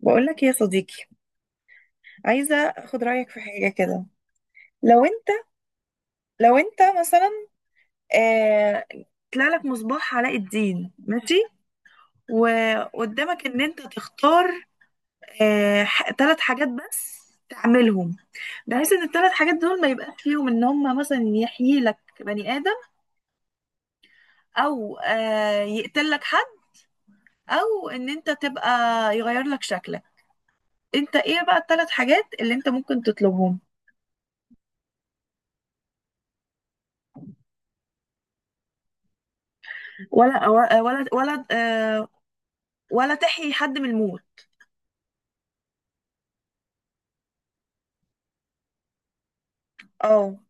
بقولك يا صديقي، عايزة أخد رأيك في حاجة كده. لو أنت لو أنت مثلا، آه، طلع لك مصباح علاء الدين، ماشي؟ وقدامك إن أنت تختار ثلاث حاجات بس تعملهم، بحيث إن الثلاث حاجات دول ما يبقاش فيهم إن هما مثلا يحيي لك بني آدم، أو يقتل لك حد، أو إن أنت تبقى يغير لك شكلك. أنت إيه بقى الثلاث حاجات اللي أنت ممكن تطلبهم؟ ولا ولا ولا, ولا آه، ولا تحيي حد من الموت. اه.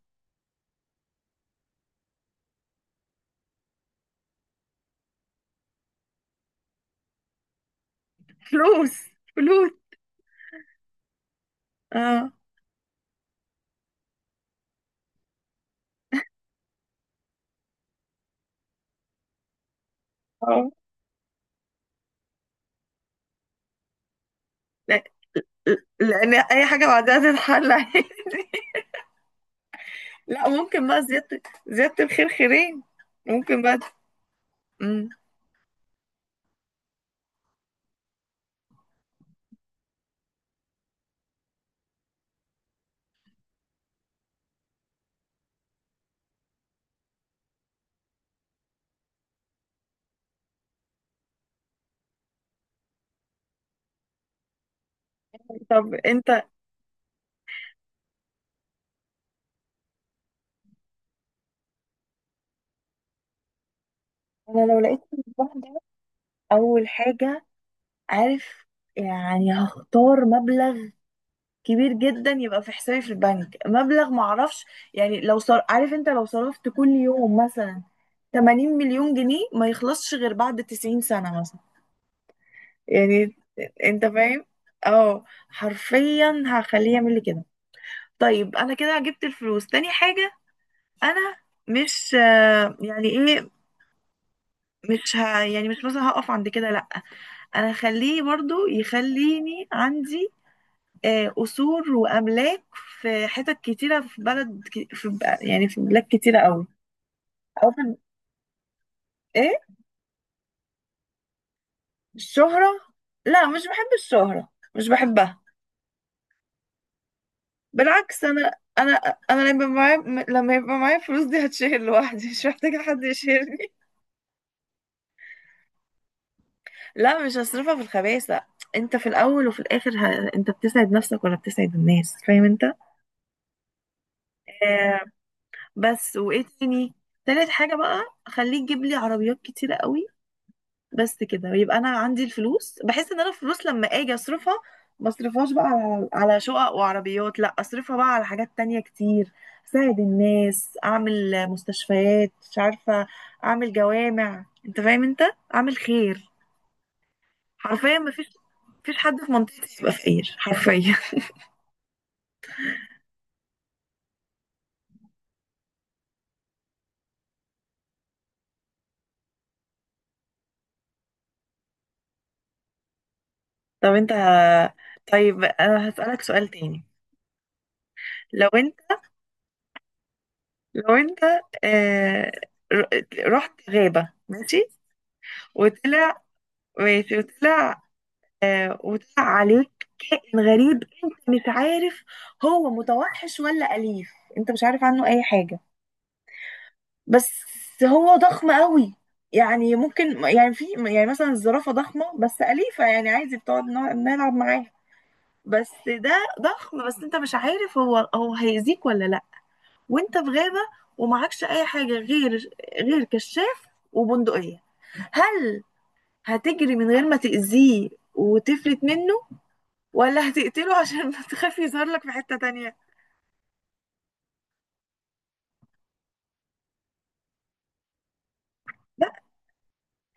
فلوس فلوس. اه اه. لا- لان اي حاجه بعدها تتحل عادي لا، ممكن بقى، زياده زياده الخير خيرين. ممكن بقى. مم. طب انت. انا لو لقيت المصباح ده، اول حاجه، عارف، يعني هختار مبلغ كبير جدا يبقى في حسابي في البنك، مبلغ معرفش، يعني لو صار عارف انت لو صرفت كل يوم مثلا 80 مليون جنيه ما يخلصش غير بعد 90 سنه مثلا، يعني، انت فاهم؟ اه، حرفيا هخليه يعمل لي كده. طيب انا كده جبت الفلوس. تاني حاجة، انا مش يعني ايه، مش يعني مش مثلا هقف عند كده، لا. انا هخليه برضو يخليني عندي قصور واملاك في حتت كتيرة في بلد يعني في بلاد كتيرة قوي. او في ايه، الشهرة؟ لا، مش بحب الشهرة، مش بحبها. بالعكس، انا انا لما يبقى معايا، لما يبقى معايا فلوس دي هتشيل لوحدي، مش محتاجه حد يشيلني. لا، مش هصرفها في الخباثه. انت في الاول وفي الاخر، انت بتسعد نفسك ولا بتسعد الناس، فاهم انت؟ آه. بس وايه تاني؟ تالت حاجه بقى، خليك تجيب لي عربيات كتيره قوي. بس كده. ويبقى انا عندي الفلوس، بحس ان انا الفلوس لما اجي اصرفها، ما اصرفهاش بقى على شقق وعربيات، لا، اصرفها بقى على حاجات تانية كتير. اساعد الناس، اعمل مستشفيات، مش عارفة، اعمل جوامع، انت فاهم انت؟ اعمل خير. حرفيا ما فيش، حد في منطقتي يبقى فقير، حرفيا. طب انت. طيب انا هسألك سؤال تاني. لو انت لو انت آه، رحت غابة، ماشي؟ وطلع ماشي، وطلع عليك كائن غريب، انت مش عارف هو متوحش ولا أليف، انت مش عارف عنه اي حاجة، بس هو ضخم قوي. يعني ممكن، يعني في، يعني مثلا الزرافة ضخمة بس أليفة، يعني عادي بتقعد نلعب معاها. بس ده ضخم، بس انت مش عارف هو هيأذيك ولا لا. وانت في غابة، ومعكش اي حاجة غير، غير كشاف وبندقية. هل هتجري من غير ما تأذيه وتفلت منه، ولا هتقتله عشان تخافي يظهر لك في حتة تانية؟ لا،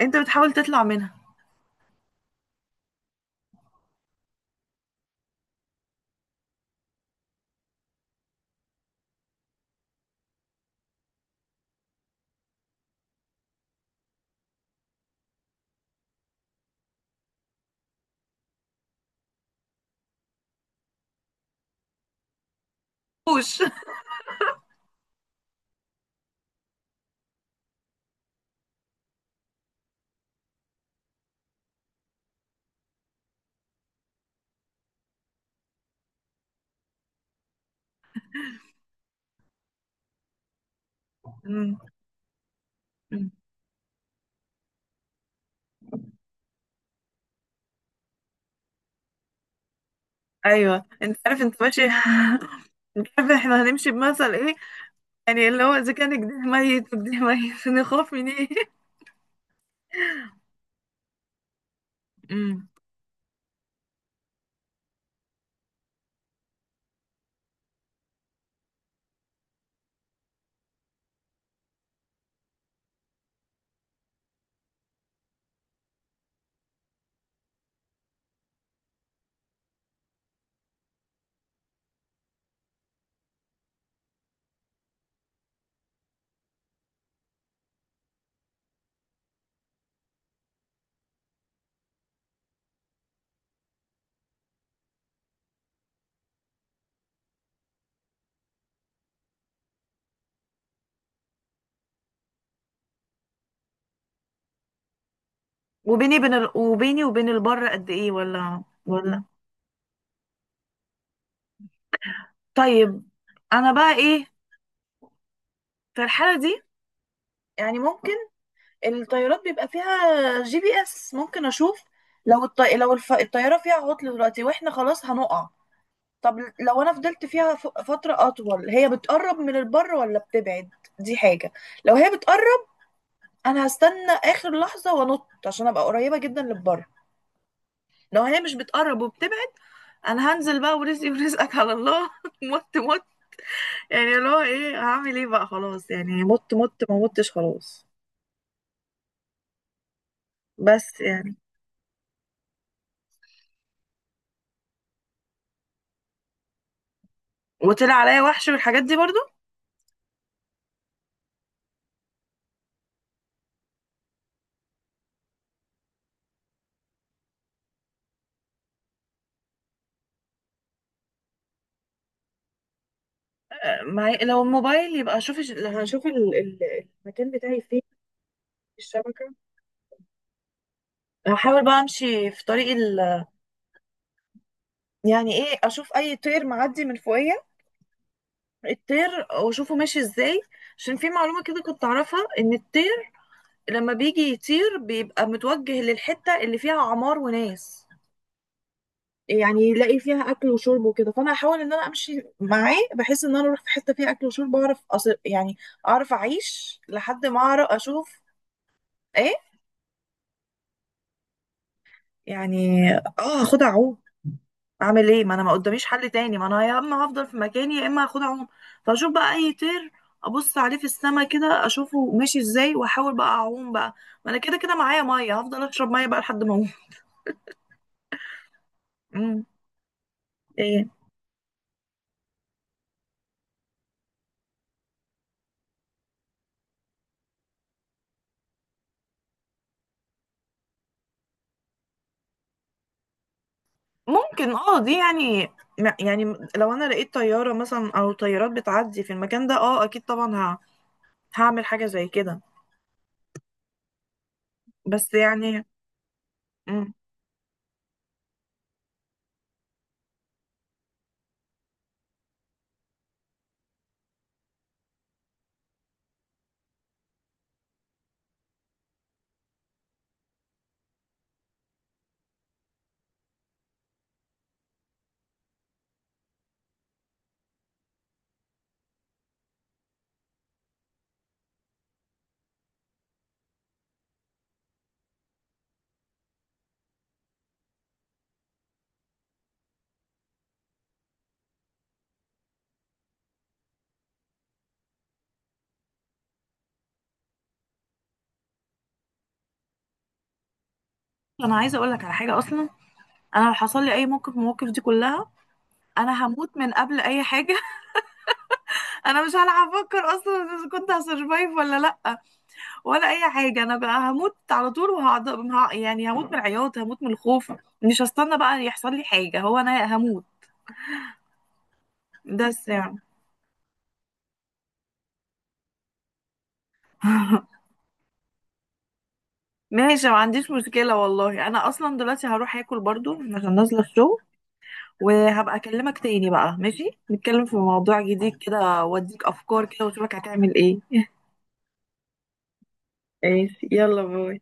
انت بتحاول تطلع منها. وش. مم. مم. ايوه انت عارف، انت ماشي مش عارف احنا هنمشي بمثل ايه. يعني اللي هو اذا كان جديه ميت وجديه ميت نخاف من ايه؟ مم. وبيني بين وبيني وبين البر قد ايه، ولا؟ طيب. انا بقى ايه في الحالة دي؟ يعني ممكن الطيارات بيبقى فيها جي بي اس، ممكن اشوف. لو الطيارة فيها عطل دلوقتي واحنا خلاص هنقع، طب لو انا فضلت فيها فترة اطول، هي بتقرب من البر ولا بتبعد؟ دي حاجة. لو هي بتقرب، انا هستنى اخر لحظة وانط عشان ابقى قريبة جدا للبر. لو هي مش بتقرب وبتبعد، انا هنزل بقى، ورزقي ورزقك على الله مت مت، يعني اللي هو ايه، هعمل ايه بقى، خلاص، يعني مت مت، ما متش، خلاص. بس يعني، وطلع عليا وحش والحاجات دي برضو. معي لو الموبايل، يبقى اشوف، هشوف المكان بتاعي فين. في الشبكة. هحاول بقى امشي في طريق، يعني ايه، اشوف اي طير معدي من فوقيا، الطير، واشوفه ماشي ازاي. عشان في معلومة كده كنت اعرفها، ان الطير لما بيجي يطير بيبقى متوجه للحتة اللي فيها عمار وناس، يعني يلاقي فيها اكل وشرب وكده. فانا هحاول ان انا امشي معاه، بحيث ان انا اروح في حتة فيها اكل وشرب، اعرف أصل يعني، اعرف اعيش لحد ما اعرف اشوف. ايه، يعني، اه، هاخدها عوم. اعمل ايه، ما انا ما قداميش حل تاني، ما انا يا اما هفضل في مكاني، يا اما هاخد اعوم. فاشوف بقى اي طير، ابص عليه في السما كده، اشوفه ماشي ازاي، واحاول بقى اعوم بقى. ما انا كده كده معايا ميه، هفضل اشرب ميه بقى لحد ما اقوم. أمم، ايه؟ ممكن، اه، دي يعني، يعني، لو انا لقيت طياره مثلا، او طيارات بتعدي في المكان ده، اه، اكيد طبعا هعمل حاجه زي كده. بس يعني. أمم. انا عايزه اقول لك على حاجه اصلا. انا لو حصل لي اي موقف من المواقف دي كلها، انا هموت من قبل اي حاجه. انا مش هلعب افكر اصلا اذا كنت هسرفايف ولا لا، ولا اي حاجه، انا بقى هموت على طول، وهقعد يعني هموت من العياط، هموت من الخوف. مش هستنى بقى يحصل لي حاجه، هو انا هموت. بس يعني. ماشي، ما عنديش مشكله والله. انا اصلا دلوقتي هروح اكل برضو عشان نازله الشغل. وهبقى اكلمك تاني بقى، ماشي، نتكلم في موضوع جديد كده، واديك افكار كده، واشوفك هتعمل ايه ماشي، يلا باي.